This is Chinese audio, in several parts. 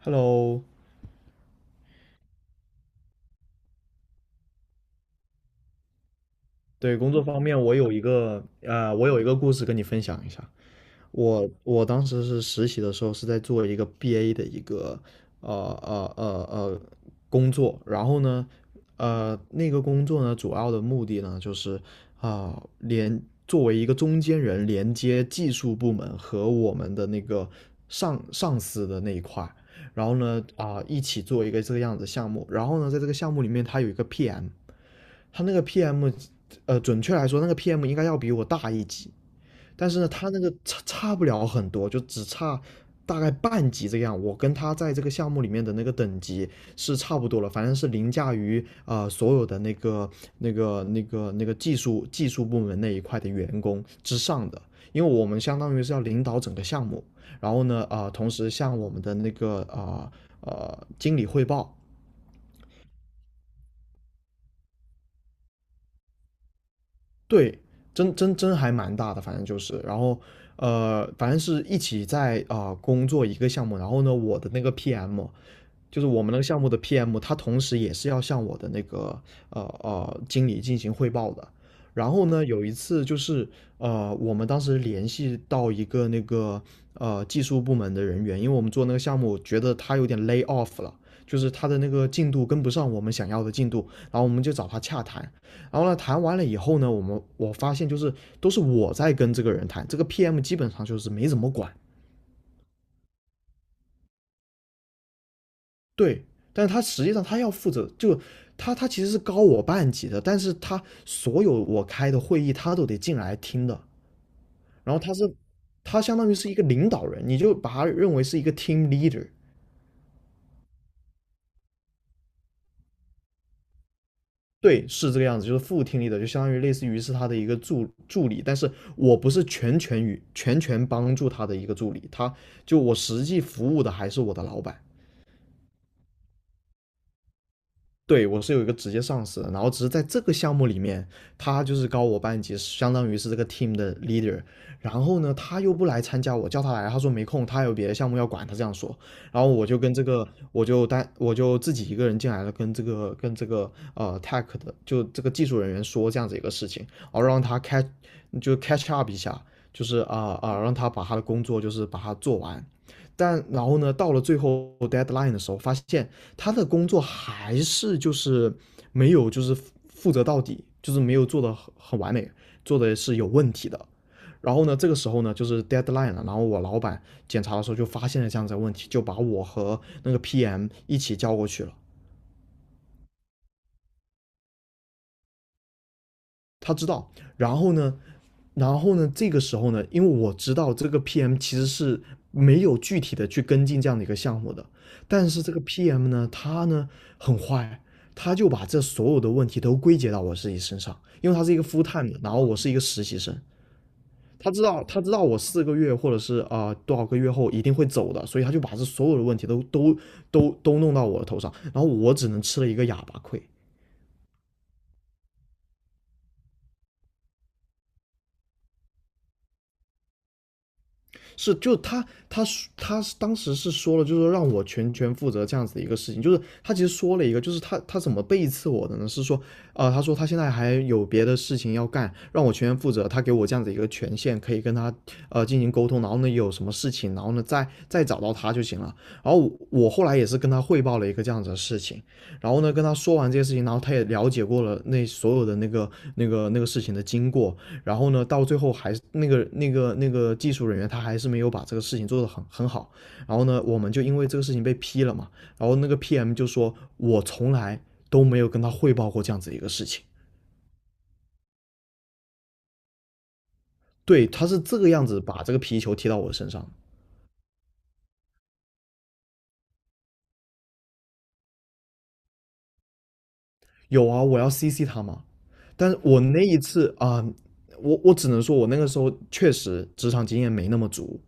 Hello,对，工作方面，我有一个我有一个故事跟你分享一下。我当时是实习的时候是在做一个 BA 的一个呃呃呃呃工作，然后呢，那个工作呢，主要的目的呢就是啊、连作为一个中间人，连接技术部门和我们的那个上司的那一块儿，然后呢，一起做一个这个样子的项目，然后呢，在这个项目里面，它有一个 PM。他那个 PM,准确来说，那个 PM 应该要比我大一级，但是呢，他那个差不了很多，就只差大概半级这样。我跟他在这个项目里面的那个等级是差不多了，反正是凌驾于所有的那个技术部门那一块的员工之上的，因为我们相当于是要领导整个项目，然后呢，同时向我们的那个经理汇报。对，真还蛮大的，反正就是，然后反正是一起在工作一个项目，然后呢，我的那个 PM 就是我们那个项目的 PM,他同时也是要向我的那个经理进行汇报的。然后呢，有一次就是，我们当时联系到一个那个技术部门的人员，因为我们做那个项目，觉得他有点 lay off 了，就是他的那个进度跟不上我们想要的进度，然后我们就找他洽谈。然后呢，谈完了以后呢，我发现就是都是我在跟这个人谈，这个 PM 基本上就是没怎么管。对，但是他实际上他要负责，就他其实是高我半级的，但是他所有我开的会议他都得进来听的。然后他是，他相当于是一个领导人，你就把他认为是一个 team leader。对，是这个样子，就是副 team leader,就相当于类似于是他的一个助理，但是我不是全权帮助他的一个助理，他，就我实际服务的还是我的老板。对，我是有一个直接上司的，然后只是在这个项目里面，他就是高我半级，相当于是这个 team 的 leader。然后呢，他又不来参加，我叫他来，他说没空，他有别的项目要管，他这样说。然后我就跟这个，我就自己一个人进来了，跟这个tech 的，就这个技术人员说这样子一个事情，然后让他 catch, 就 catch up 一下，就是让他把他的工作就是把它做完。但然后呢，到了最后 deadline 的时候，发现他的工作还是就是没有就是负责到底，就是没有做的很完美，做的是有问题的。然后呢，这个时候呢，就是 deadline 了。然后我老板检查的时候就发现了这样子的问题，就把我和那个 PM 一起叫过去了。他知道，然后呢，然后呢，这个时候呢，因为我知道这个 PM 其实是没有具体的去跟进这样的一个项目的，但是这个 PM 呢，他呢很坏，他就把这所有的问题都归结到我自己身上，因为他是一个 full time 的，然后我是一个实习生，他知道，他知道我4个月或者是多少个月后一定会走的，所以他就把这所有的问题都弄到我的头上，然后我只能吃了一个哑巴亏。是，就他当时是说了，就是说让我全权负责这样子的一个事情，就是他其实说了一个，就是他怎么背刺我的呢？是说，他说他现在还有别的事情要干，让我全权负责，他给我这样子一个权限，可以跟他进行沟通，然后呢有什么事情，然后呢再找到他就行了。然后我后来也是跟他汇报了一个这样子的事情，然后呢跟他说完这些事情，然后他也了解过了那所有的那个事情的经过，然后呢，到最后还是那个技术人员他还是没有把这个事情做得很好。然后呢，我们就因为这个事情被批了嘛。然后那个 PM 就说，我从来都没有跟他汇报过这样子一个事情。对，他是这个样子把这个皮球踢到我身上。有啊，我要 CC 他嘛。但是我那一次，我只能说，我那个时候确实职场经验没那么足，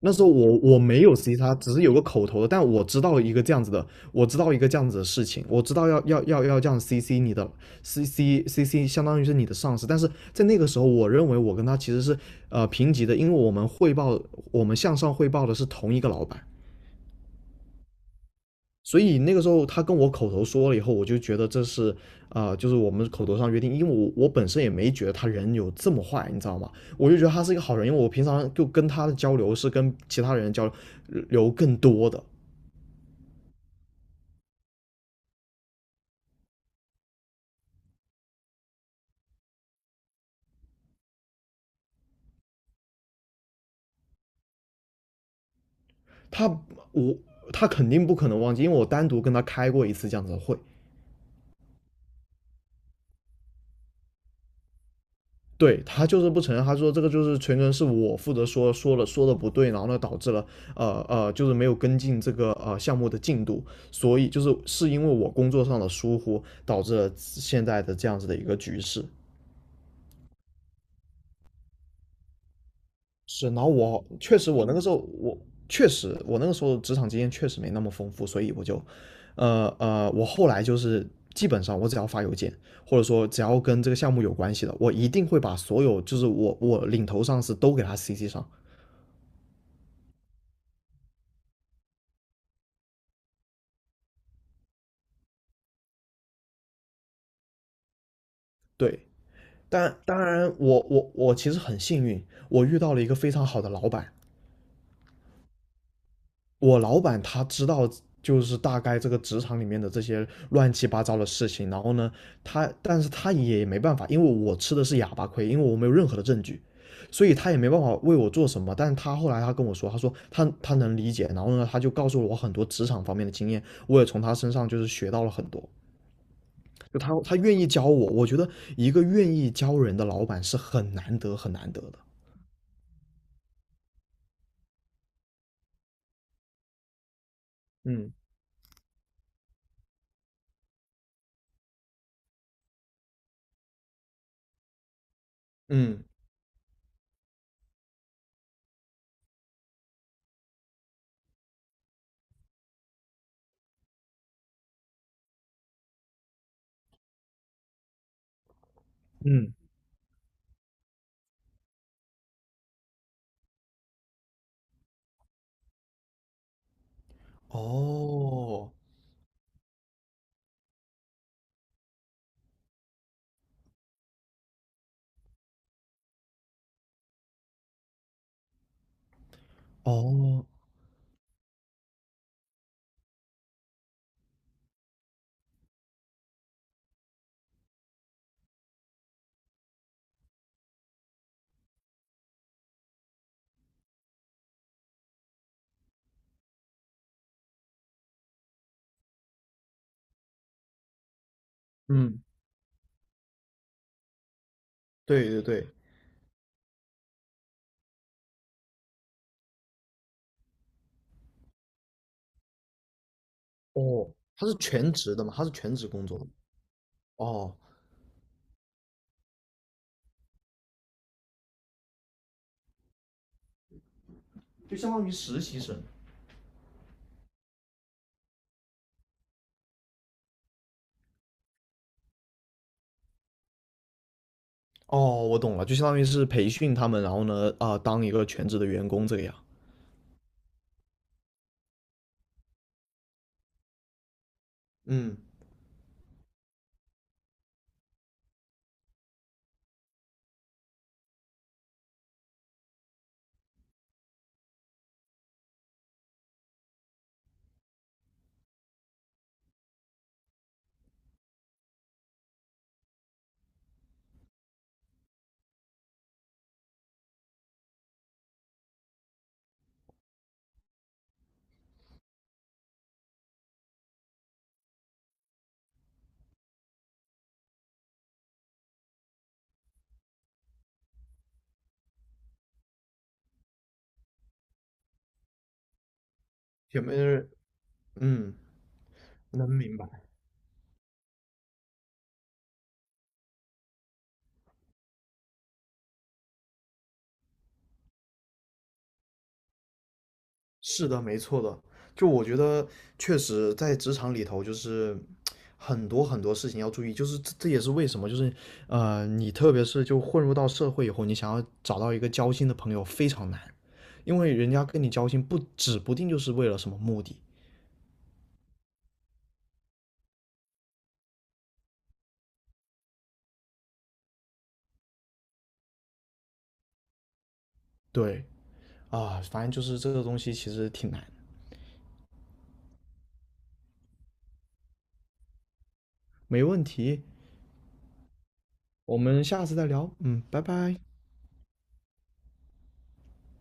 那时候我没有 C 他，只是有个口头的，但我知道一个这样子的，我知道一个这样子的事情，我知道要这样 CC 你的， CC 相当于是你的上司，但是在那个时候，我认为我跟他其实是平级的，因为我们向上汇报的是同一个老板，所以那个时候他跟我口头说了以后，我就觉得这是就是我们口头上约定，因为我本身也没觉得他人有这么坏，你知道吗？我就觉得他是一个好人，因为我平常就跟他的交流是跟其他人交流更多的。他我他肯定不可能忘记，因为我单独跟他开过一次这样子的会。对，他就是不承认，他说这个就是全程是我负责，说的不对，然后呢导致了就是没有跟进这个项目的进度，所以就是是因为我工作上的疏忽导致了现在的这样子的一个局势。是，然后我确实我那个时候职场经验确实没那么丰富，所以我就我后来就是基本上我只要发邮件或者说只要跟这个项目有关系的，我一定会把所有就是我领头上司都给他 CC 上。对，但当然我其实很幸运，我遇到了一个非常好的老板。我老板他知道，就是大概这个职场里面的这些乱七八糟的事情。然后呢，但是他也没办法，因为我吃的是哑巴亏，因为我没有任何的证据，所以他也没办法为我做什么。但他后来他跟我说，他说他能理解。然后呢，他就告诉了我很多职场方面的经验，我也从他身上就是学到了很多。就他愿意教我，我觉得一个愿意教人的老板是很难得的。嗯。嗯。嗯。哦。哦。嗯。对对对。哦，他是全职的嘛，他是全职工作的。哦，就相当于实习生。哦，我懂了，就相当于是培训他们，然后呢，当一个全职的员工这个样。嗯，有没嗯，能明白。是的，没错的。就我觉得，确实在职场里头，就是很多很多事情要注意，就是这也是为什么，就是你特别是就混入到社会以后，你想要找到一个交心的朋友非常难，因为人家跟你交心不指不定就是为了什么目的。对啊，反正就是这个东西其实挺难。没问题，我们下次再聊。嗯，拜拜。